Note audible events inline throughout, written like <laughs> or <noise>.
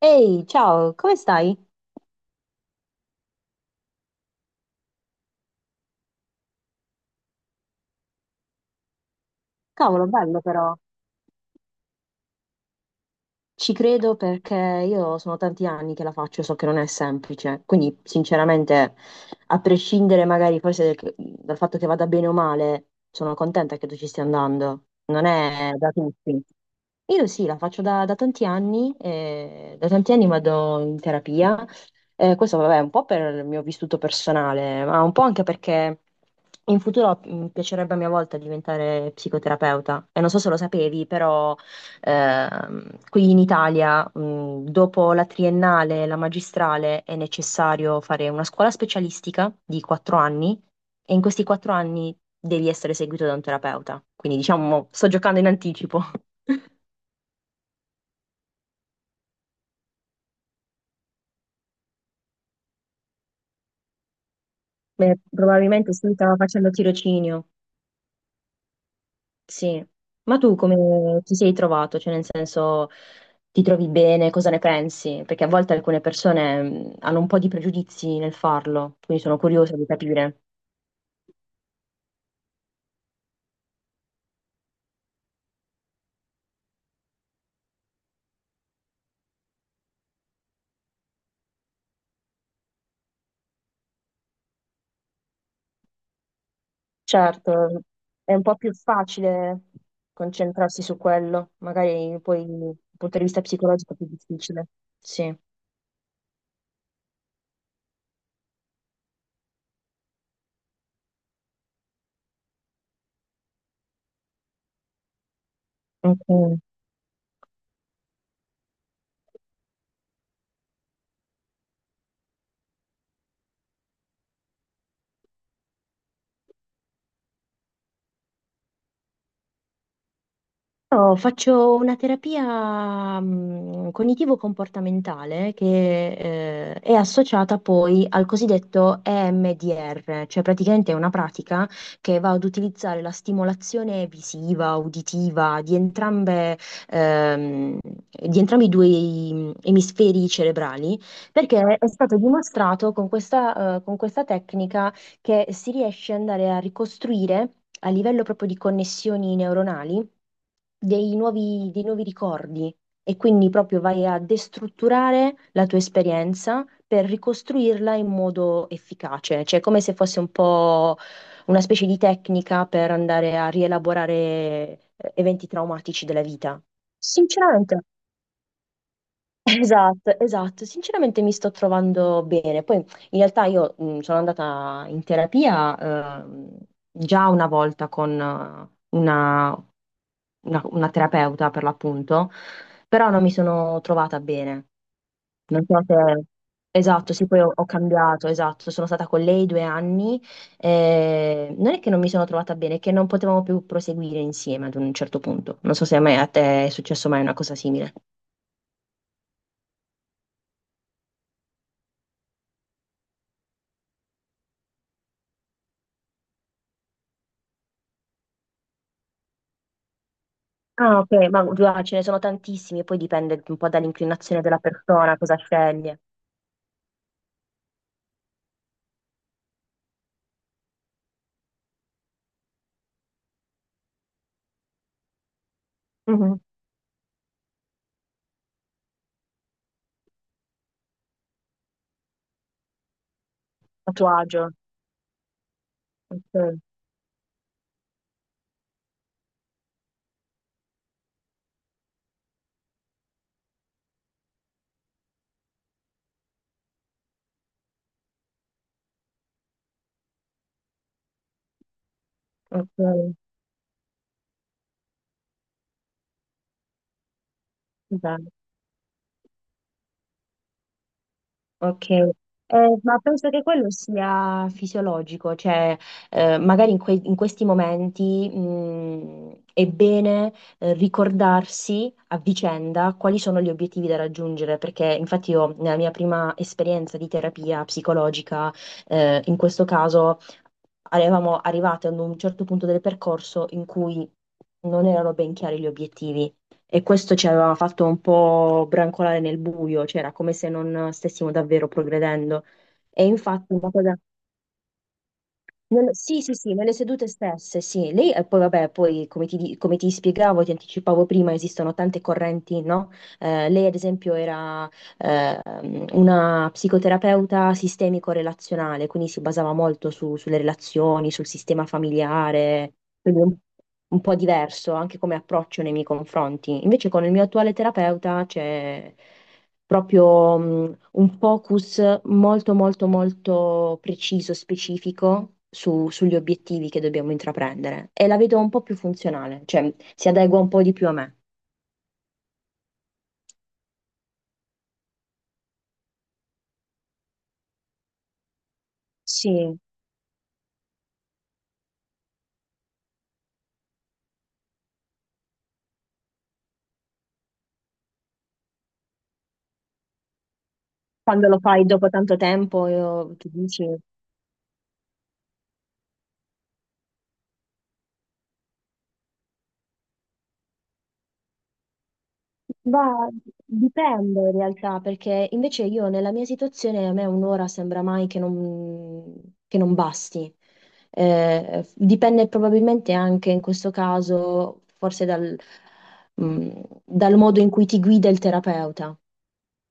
Ehi, ciao, come stai? Cavolo, bello però. Ci credo perché io sono tanti anni che la faccio, so che non è semplice. Quindi, sinceramente, a prescindere magari forse dal fatto che vada bene o male, sono contenta che tu ci stia andando. Non è da tutti. Io sì, la faccio da tanti anni vado in terapia. Questo vabbè, un po' per il mio vissuto personale, ma un po' anche perché in futuro mi piacerebbe a mia volta diventare psicoterapeuta. E non so se lo sapevi, però qui in Italia, dopo la triennale e la magistrale, è necessario fare una scuola specialistica di quattro anni e in questi quattro anni devi essere seguito da un terapeuta. Quindi diciamo, sto giocando in anticipo. <laughs> Beh, probabilmente sì, stava facendo tirocinio, sì. Ma tu come ti sei trovato? Cioè, nel senso, ti trovi bene? Cosa ne pensi? Perché a volte alcune persone hanno un po' di pregiudizi nel farlo, quindi sono curiosa di capire. Certo, è un po' più facile concentrarsi su quello, magari poi dal punto di vista psicologico è più difficile. Sì. Ok. No, faccio una terapia cognitivo-comportamentale che è associata poi al cosiddetto EMDR, cioè praticamente è una pratica che va ad utilizzare la stimolazione visiva, uditiva di entrambe, ehm, di entrambi i due emisferi cerebrali, perché è stato dimostrato con con questa tecnica che si riesce ad andare a ricostruire a livello proprio di connessioni neuronali dei nuovi ricordi e quindi proprio vai a destrutturare la tua esperienza per ricostruirla in modo efficace, cioè come se fosse un po' una specie di tecnica per andare a rielaborare eventi traumatici della vita. Sinceramente. Esatto, esatto. Sinceramente mi sto trovando bene. Poi in realtà io sono andata in terapia già una volta con una, una terapeuta per l'appunto, però non mi sono trovata bene. Non so se... Esatto, sì, poi ho cambiato, esatto. Sono stata con lei due anni. Eh, non è che non mi sono trovata bene, è che non potevamo più proseguire insieme ad un certo punto. Non so se a me, a te è successo mai una cosa simile. Ah, ok, ma guarda, ce ne sono tantissimi, poi dipende un po' dall'inclinazione della persona, cosa sceglie. Mhm. A tuo agio. Ok, ok, bene, ok. Ma penso che quello sia fisiologico, cioè magari in questi momenti è bene ricordarsi a vicenda quali sono gli obiettivi da raggiungere, perché infatti io nella mia prima esperienza di terapia psicologica, in questo caso eravamo arrivate ad un certo punto del percorso in cui non erano ben chiari gli obiettivi e questo ci aveva fatto un po' brancolare nel buio, cioè era come se non stessimo davvero progredendo. E infatti una cosa sì, sì, sì, nelle sedute stesse, sì. Lei, e poi vabbè, poi come come ti spiegavo, ti anticipavo prima, esistono tante correnti, no? Lei, ad esempio, era eh, una psicoterapeuta sistemico-relazionale, quindi si basava molto sulle relazioni, sul sistema familiare, quindi un po' diverso anche come approccio nei miei confronti. Invece con il mio attuale terapeuta c'è proprio un focus molto molto molto preciso, specifico sugli obiettivi che dobbiamo intraprendere e la vedo un po' più funzionale, cioè si adegua un po' di più a me. Sì, quando lo fai dopo tanto tempo, ti dici. Ma dipende in realtà, perché invece io nella mia situazione a me un'ora sembra mai che non basti. Dipende probabilmente anche in questo caso, forse dal modo in cui ti guida il terapeuta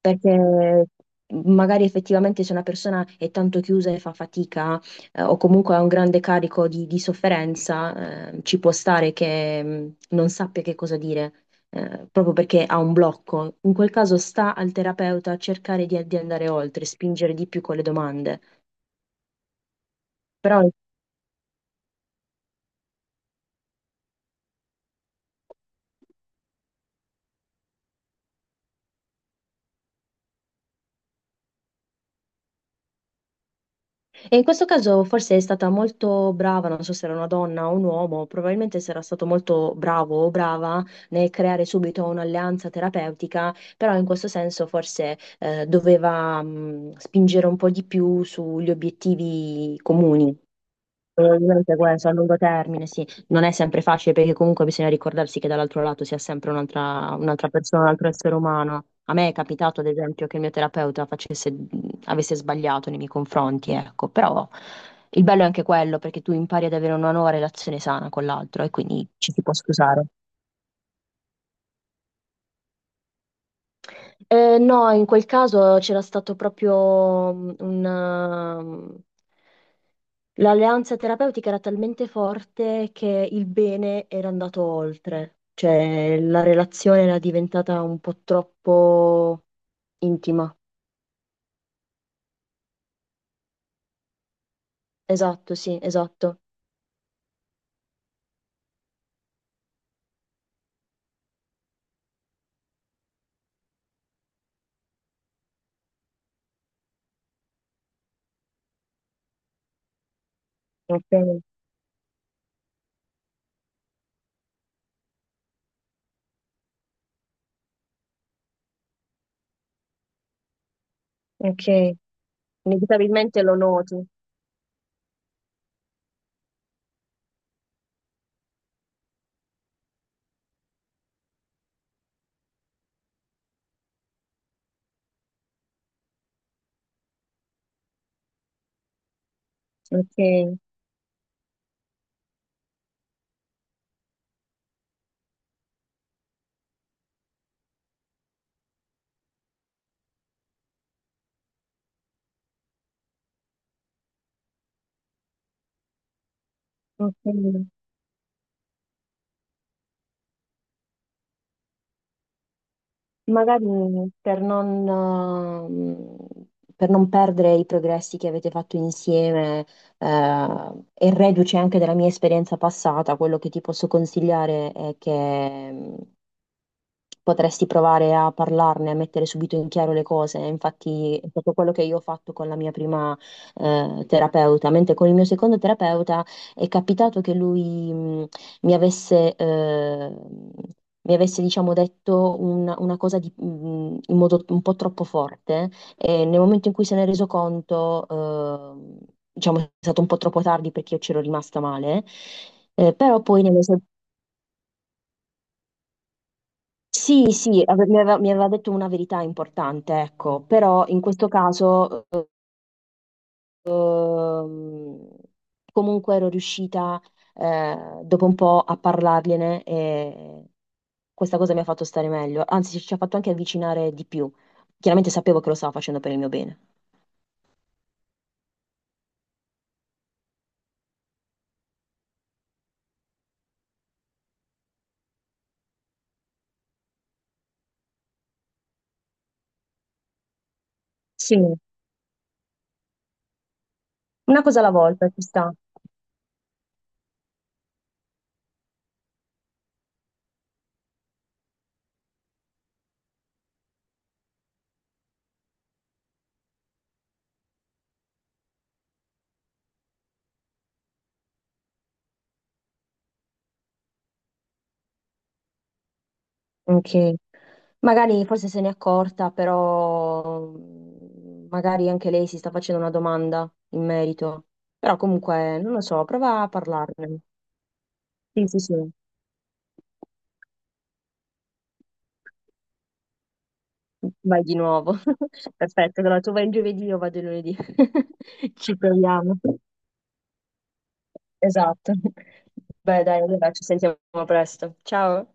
perché magari effettivamente se una persona è tanto chiusa e fa fatica, o comunque ha un grande carico di sofferenza, ci può stare che non sappia che cosa dire, proprio perché ha un blocco. In quel caso sta al terapeuta a cercare di andare oltre, spingere di più con le domande. Però e in questo caso forse è stata molto brava, non so se era una donna o un uomo, probabilmente sarà stato molto bravo o brava nel creare subito un'alleanza terapeutica, però in questo senso forse doveva spingere un po' di più sugli obiettivi comuni. Probabilmente questo a lungo termine, sì, non è sempre facile perché comunque bisogna ricordarsi che dall'altro lato sia sempre un'altra persona, un altro essere umano. A me è capitato, ad esempio, che il mio terapeuta facesse, avesse sbagliato nei miei confronti, ecco, però il bello è anche quello perché tu impari ad avere una nuova relazione sana con l'altro e quindi ci si può scusare. No, in quel caso c'era stato proprio l'alleanza terapeutica era talmente forte che il bene era andato oltre, cioè la relazione era diventata un po' troppo intima. Esatto, sì, esatto. Ok, ok. Inevitabilmente lo noti. Ok, ok. Magari per non, eh, per non perdere i progressi che avete fatto insieme, e reduce anche dalla mia esperienza passata, quello che ti posso consigliare è che potresti provare a parlarne, a mettere subito in chiaro le cose. Infatti, è proprio quello che io ho fatto con la mia prima terapeuta, mentre con il mio secondo terapeuta è capitato che lui mi avesse, eh, mi avesse, diciamo, detto una cosa in modo un po' troppo forte e nel momento in cui se ne è reso conto, diciamo, è stato un po' troppo tardi perché io c'ero rimasta male. Eh, però poi nelle, sì, sì, mi aveva detto una verità importante, ecco, però in questo caso ehm, comunque ero riuscita dopo un po' a parlargliene e questa cosa mi ha fatto stare meglio, anzi ci ha fatto anche avvicinare di più. Chiaramente sapevo che lo stava facendo per il mio bene. Sì, una cosa alla volta, ci sta. Ok. Magari forse se n'è accorta, però magari anche lei si sta facendo una domanda in merito. Però comunque, non lo so, prova a parlarne. Sì, sì, sì, vai di nuovo. <laughs> Perfetto, allora tu vai il giovedì, io vado il lunedì. <laughs> Ci proviamo. Esatto. Beh, dai, allora ci sentiamo presto. Ciao.